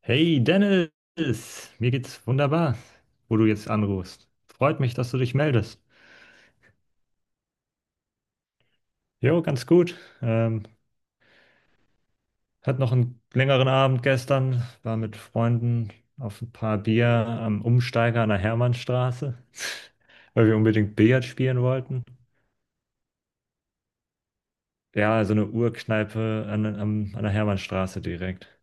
Hey Dennis, mir geht's wunderbar, wo du jetzt anrufst. Freut mich, dass du dich meldest. Jo, ganz gut. Ähm, Hat noch einen längeren Abend gestern, war mit Freunden auf ein paar Bier am Umsteiger an der Hermannstraße, weil wir unbedingt Billard spielen wollten. Ja, so eine Urkneipe an der Hermannstraße direkt.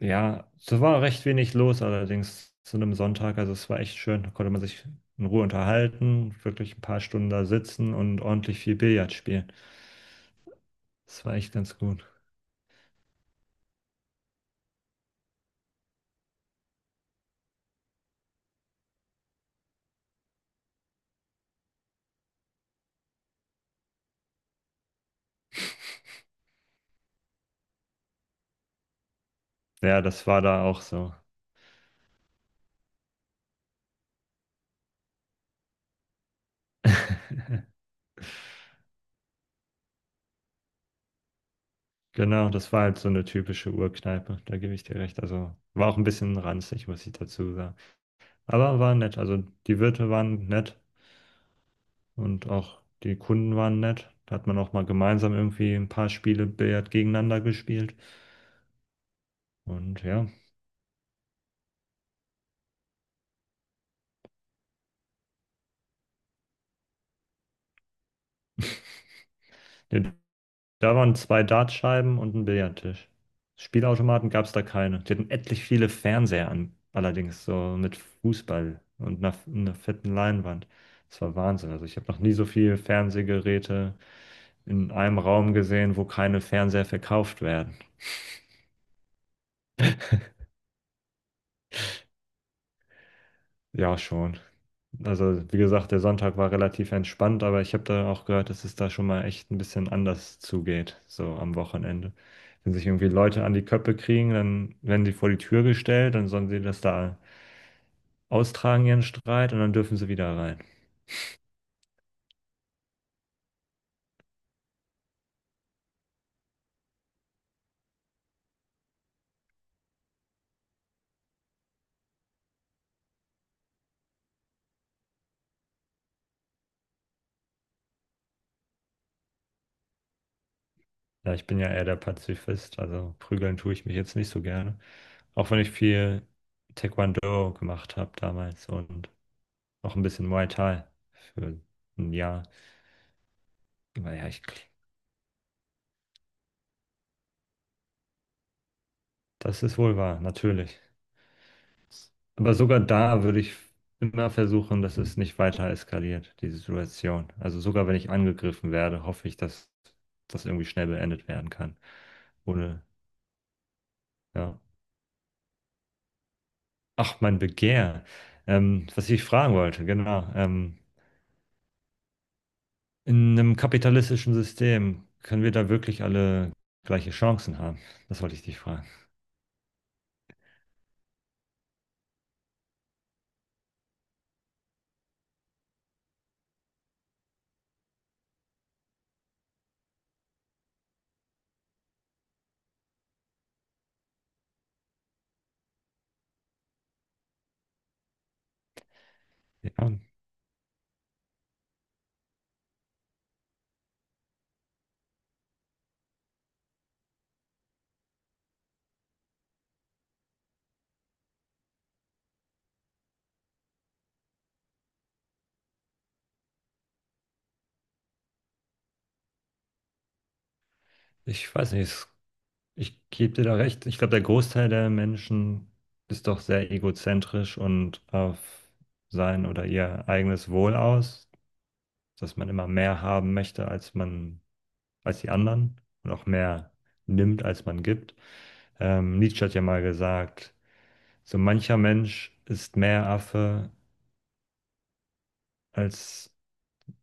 Ja, es war recht wenig los allerdings zu einem Sonntag. Also es war echt schön. Da konnte man sich in Ruhe unterhalten, wirklich ein paar Stunden da sitzen und ordentlich viel Billard spielen. Das war echt ganz gut. Ja, das war da auch so. Genau, das war halt so eine typische Urkneipe, da gebe ich dir recht. Also war auch ein bisschen ranzig, muss ich dazu sagen. Aber war nett. Also die Wirte waren nett und auch die Kunden waren nett. Da hat man auch mal gemeinsam irgendwie ein paar Spiele Billard gegeneinander gespielt. Und ja, da waren zwei Dartscheiben und ein Billardtisch. Spielautomaten gab es da keine. Die hatten etlich viele Fernseher an, allerdings so mit Fußball und einer fetten Leinwand. Das war Wahnsinn. Also ich habe noch nie so viele Fernsehgeräte in einem Raum gesehen, wo keine Fernseher verkauft werden. Ja, schon. Also, wie gesagt, der Sonntag war relativ entspannt, aber ich habe da auch gehört, dass es da schon mal echt ein bisschen anders zugeht, so am Wochenende. Wenn sich irgendwie Leute an die Köppe kriegen, dann werden sie vor die Tür gestellt, dann sollen sie das da austragen, ihren Streit, und dann dürfen sie wieder rein. Ja, ich bin ja eher der Pazifist, also prügeln tue ich mich jetzt nicht so gerne. Auch wenn ich viel Taekwondo gemacht habe damals und auch ein bisschen Muay Thai für ein Jahr. Naja, das ist wohl wahr, natürlich. Aber sogar da würde ich immer versuchen, dass es nicht weiter eskaliert, diese Situation. Also sogar wenn ich angegriffen werde, hoffe ich, dass das irgendwie schnell beendet werden kann. Ohne, ja. Ach, mein Begehr. Was ich fragen wollte, genau. In einem kapitalistischen System können wir da wirklich alle gleiche Chancen haben? Das wollte ich dich fragen. Ja, ich weiß nicht. Es Ich gebe dir da recht. Ich glaube, der Großteil der Menschen ist doch sehr egozentrisch und auf sein oder ihr eigenes Wohl aus, dass man immer mehr haben möchte, als die anderen und auch mehr nimmt, als man gibt. Nietzsche hat ja mal gesagt, so mancher Mensch ist mehr Affe, als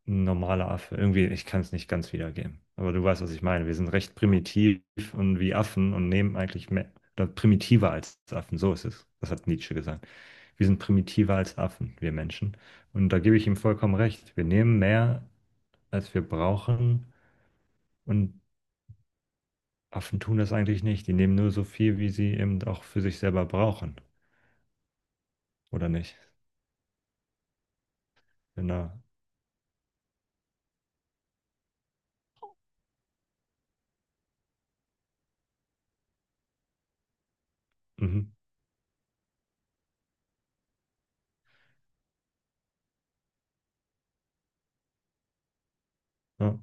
ein normaler Affe. Irgendwie, ich kann es nicht ganz wiedergeben. Aber du weißt, was ich meine. Wir sind recht primitiv und wie Affen und nehmen eigentlich mehr, oder primitiver als Affen. So ist es. Das hat Nietzsche gesagt. Wir sind primitiver als Affen, wir Menschen. Und da gebe ich ihm vollkommen recht. Wir nehmen mehr, als wir brauchen. Und Affen tun das eigentlich nicht. Die nehmen nur so viel, wie sie eben auch für sich selber brauchen. Oder nicht? Genau. Mhm. Ja.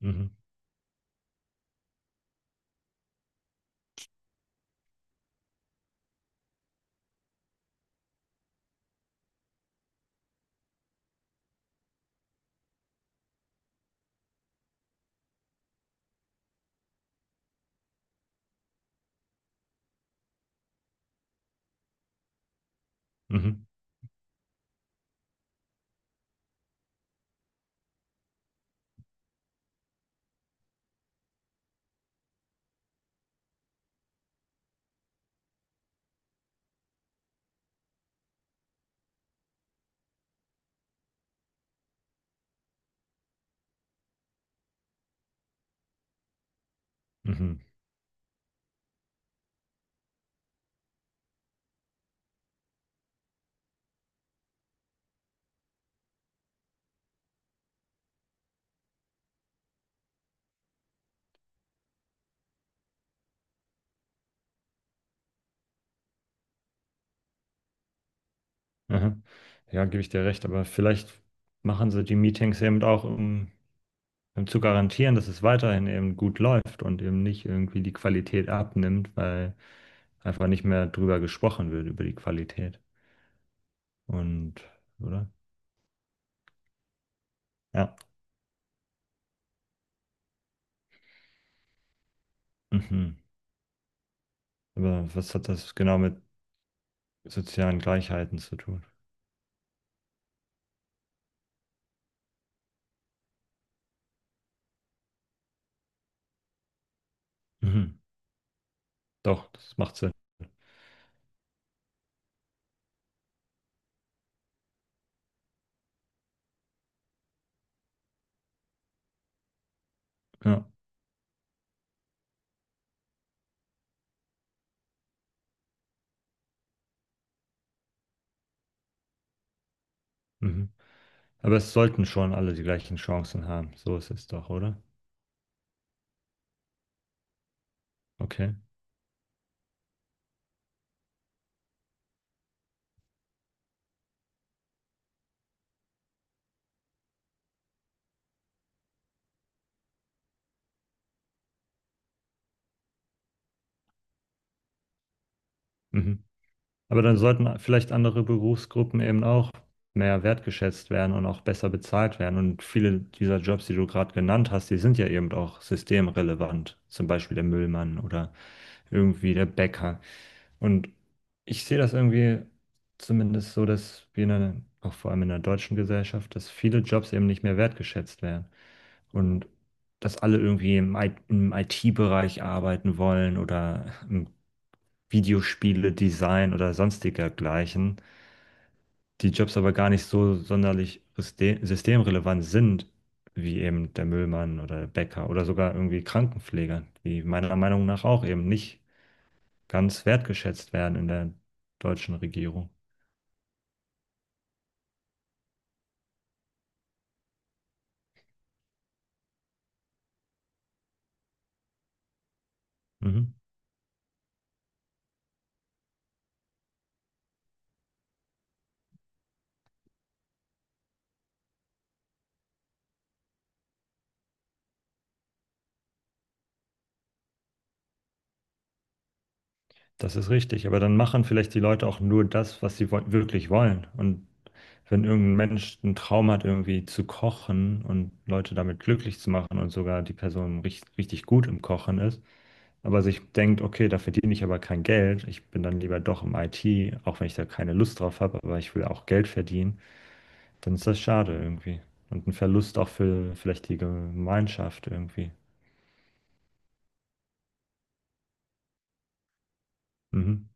Mhm. Mhm. Mhm. Mhm. Aha. Ja, gebe ich dir recht, aber vielleicht machen sie die Meetings eben auch, um, um zu garantieren, dass es weiterhin eben gut läuft und eben nicht irgendwie die Qualität abnimmt, weil einfach nicht mehr drüber gesprochen wird, über die Qualität. Und, oder? Ja. Mhm. Aber was hat das genau mit sozialen Gleichheiten zu tun? Mhm. Doch, das macht Sinn. Ja. Mhm. Aber es sollten schon alle die gleichen Chancen haben. So ist es doch, oder? Okay. Mhm. Aber dann sollten vielleicht andere Berufsgruppen eben auch mehr wertgeschätzt werden und auch besser bezahlt werden. Und viele dieser Jobs, die du gerade genannt hast, die sind ja eben auch systemrelevant. Zum Beispiel der Müllmann oder irgendwie der Bäcker. Und ich sehe das irgendwie zumindest so, dass wir in einer, auch vor allem in der deutschen Gesellschaft, dass viele Jobs eben nicht mehr wertgeschätzt werden. Und dass alle irgendwie im IT-Bereich arbeiten wollen oder im Videospiele, Design oder sonstiger gleichen, die Jobs aber gar nicht so sonderlich systemrelevant sind, wie eben der Müllmann oder der Bäcker oder sogar irgendwie Krankenpfleger, die meiner Meinung nach auch eben nicht ganz wertgeschätzt werden in der deutschen Regierung. Mhm. Das ist richtig, aber dann machen vielleicht die Leute auch nur das, was sie wirklich wollen. Und wenn irgendein Mensch einen Traum hat, irgendwie zu kochen und Leute damit glücklich zu machen und sogar die Person richtig gut im Kochen ist, aber sich denkt, okay, da verdiene ich aber kein Geld, ich bin dann lieber doch im IT, auch wenn ich da keine Lust drauf habe, aber ich will auch Geld verdienen, dann ist das schade irgendwie. Und ein Verlust auch für vielleicht die Gemeinschaft irgendwie. Mhm.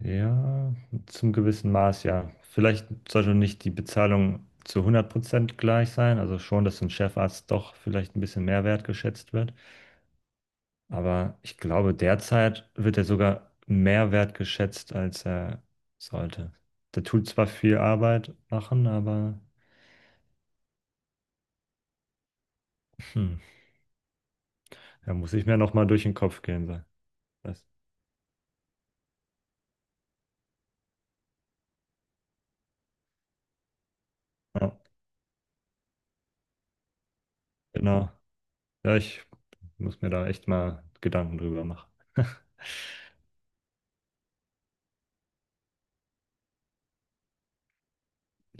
Ja, zum gewissen Maß, ja. Vielleicht sollte nicht die Bezahlung zu 100% gleich sein, also schon, dass ein Chefarzt doch vielleicht ein bisschen mehr wertgeschätzt wird. Aber ich glaube, derzeit wird er sogar mehr wertgeschätzt, als er sollte. Der tut zwar viel Arbeit machen, aber hm, er muss ich mir nochmal durch den Kopf gehen so. Das, ja, genau. Ja, ich muss mir da echt mal Gedanken drüber machen.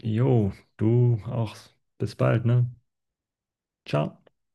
Jo, du auch. Bis bald, ne? Ciao.